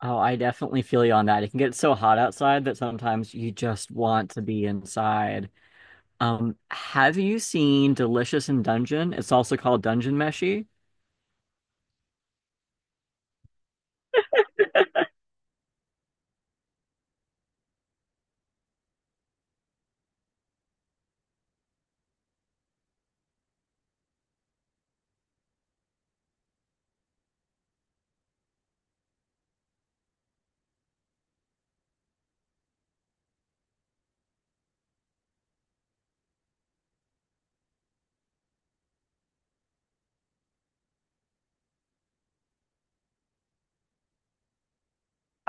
Oh, I definitely feel you on that. It can get so hot outside that sometimes you just want to be inside. Have you seen Delicious in Dungeon? It's also called Dungeon Meshi.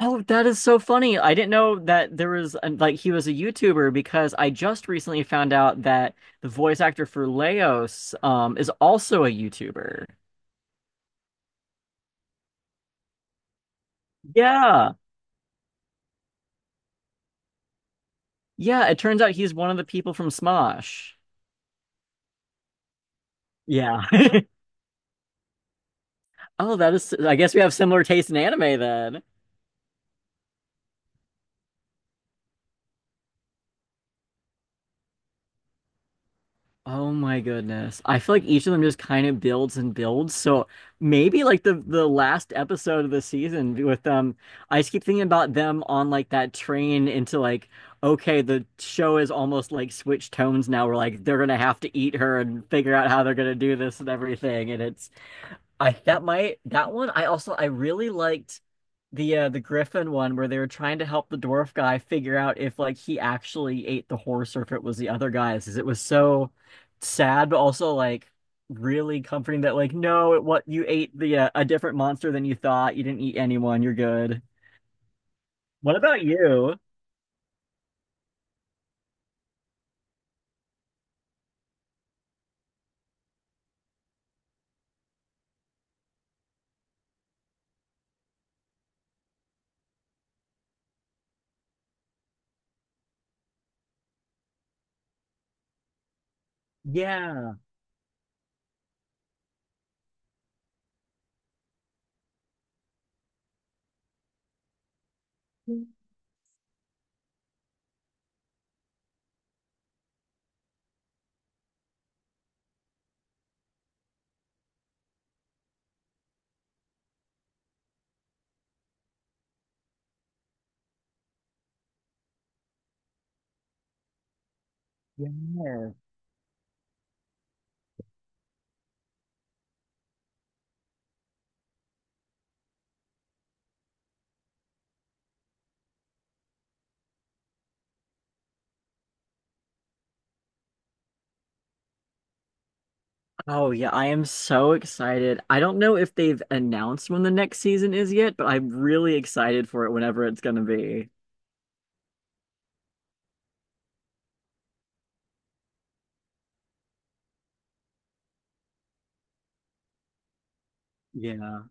Oh, that is so funny. I didn't know that there was an, like he was a YouTuber because I just recently found out that the voice actor for Leos is also a YouTuber. Yeah. Yeah, it turns out he's one of the people from Smosh. Yeah. Oh, that is, I guess we have similar taste in anime then. Oh my goodness. I feel like each of them just kind of builds and builds. So maybe like the last episode of the season with them, I just keep thinking about them on like that train into like, okay, the show is almost like switched tones now. We're like they're gonna have to eat her and figure out how they're gonna do this and everything. And it's, I that might that one, I also I really liked the Griffin one where they were trying to help the dwarf guy figure out if like he actually ate the horse or if it was the other guy's, 'cause it was so sad, but also like really comforting that like no, it what you ate the a different monster than you thought. You didn't eat anyone. You're good. What about you? Yeah. Yeah. Oh yeah, I am so excited. I don't know if they've announced when the next season is yet, but I'm really excited for it whenever it's gonna be. Yeah.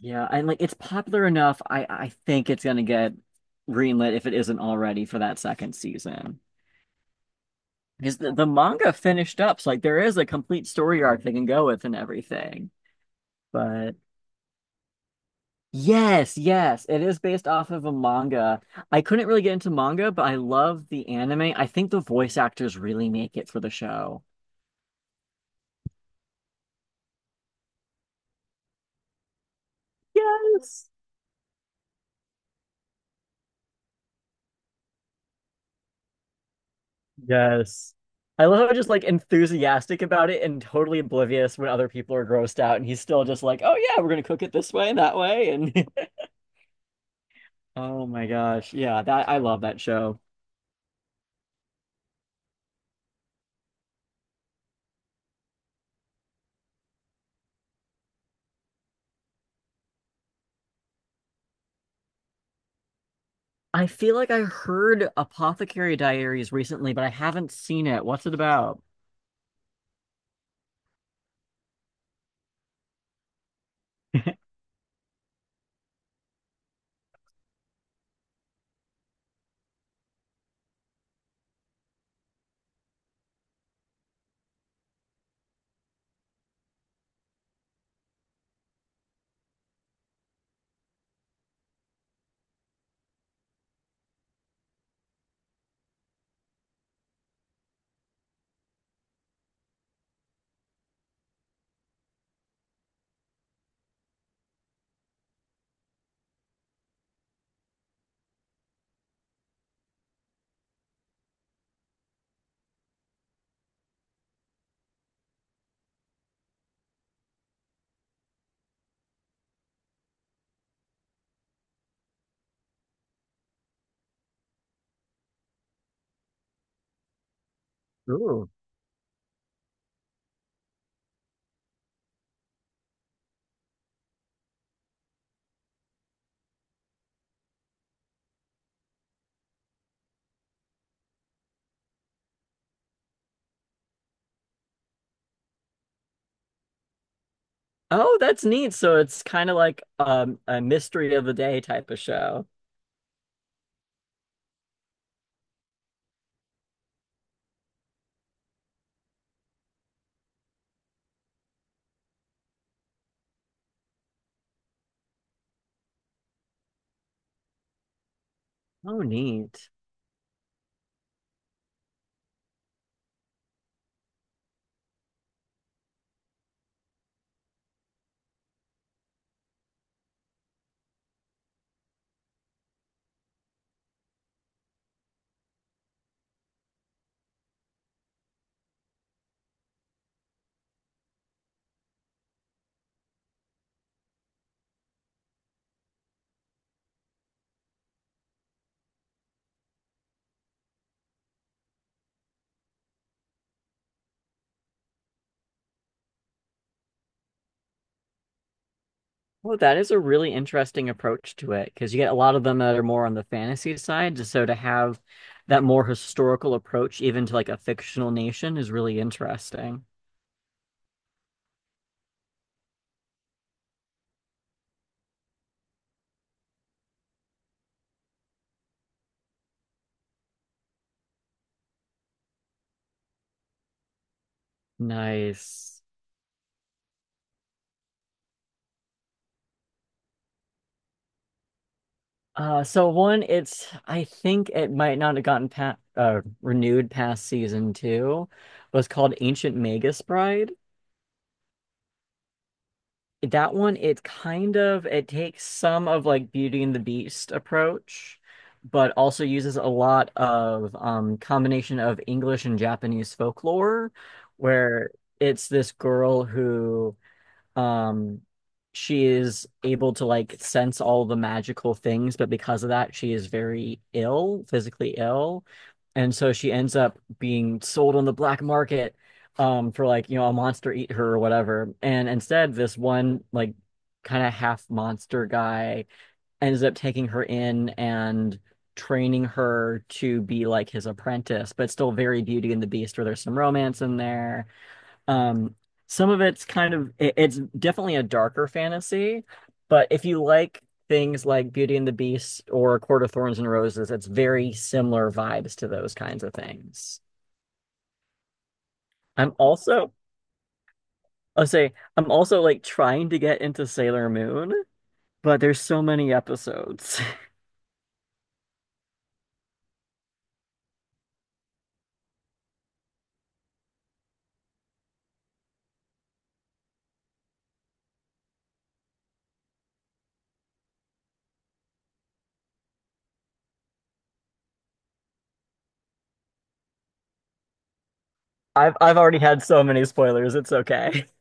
Yeah, and like it's popular enough. I think it's gonna get greenlit if it isn't already for that second season. Because the manga finished up, so like there is a complete story arc they can go with and everything. But yes, yes, it is based off of a manga. I couldn't really get into manga, but I love the anime. I think the voice actors really make it for the show. Yes. Yes. I love how just like enthusiastic about it and totally oblivious when other people are grossed out and he's still just like, "Oh yeah, we're gonna cook it this way and that way." And oh my gosh, yeah, that I love that show. I feel like I heard Apothecary Diaries recently, but I haven't seen it. What's it about? Ooh. Oh, that's neat. So it's kind of like a mystery of the day type of show. Oh, neat. Well, that is a really interesting approach to it because you get a lot of them that are more on the fantasy side. So to have that more historical approach, even to like a fictional nation, is really interesting. Nice. So one, it's I think it might not have gotten pa renewed past season two, was called Ancient Magus Bride. That one, it kind of it takes some of like Beauty and the Beast approach, but also uses a lot of combination of English and Japanese folklore, where it's this girl who um she is able to like sense all the magical things, but because of that she is very ill, physically ill, and so she ends up being sold on the black market, for like you know a monster eat her or whatever, and instead this one like kind of half monster guy ends up taking her in and training her to be like his apprentice, but still very Beauty and the Beast where there's some romance in there. um, some of it's kind of it, it's definitely a darker fantasy, but if you like things like Beauty and the Beast or Court of Thorns and Roses, it's very similar vibes to those kinds of things. I'm also, I'll say I'm also like trying to get into Sailor Moon, but there's so many episodes. I've already had so many spoilers, it's okay.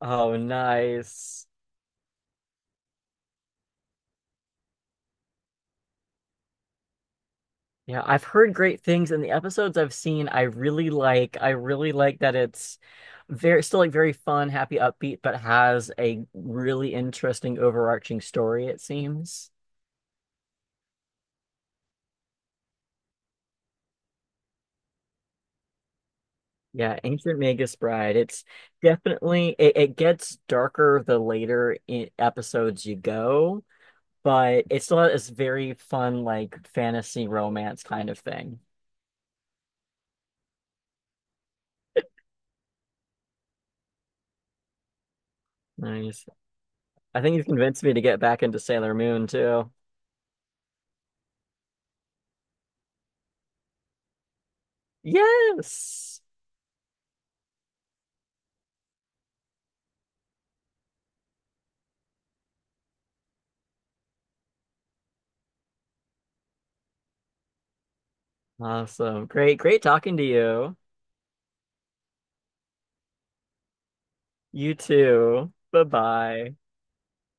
Oh, nice. Yeah, I've heard great things in the episodes I've seen. I really like that it's very still like very fun, happy, upbeat, but has a really interesting overarching story, it seems. Yeah, Ancient Magus Bride. It's definitely it, it gets darker the later I episodes you go, but it's still this very fun like fantasy romance kind of thing. Nice. I think you've convinced me to get back into Sailor Moon too. Yes. Awesome. Great, great talking to you. You too. Bye-bye.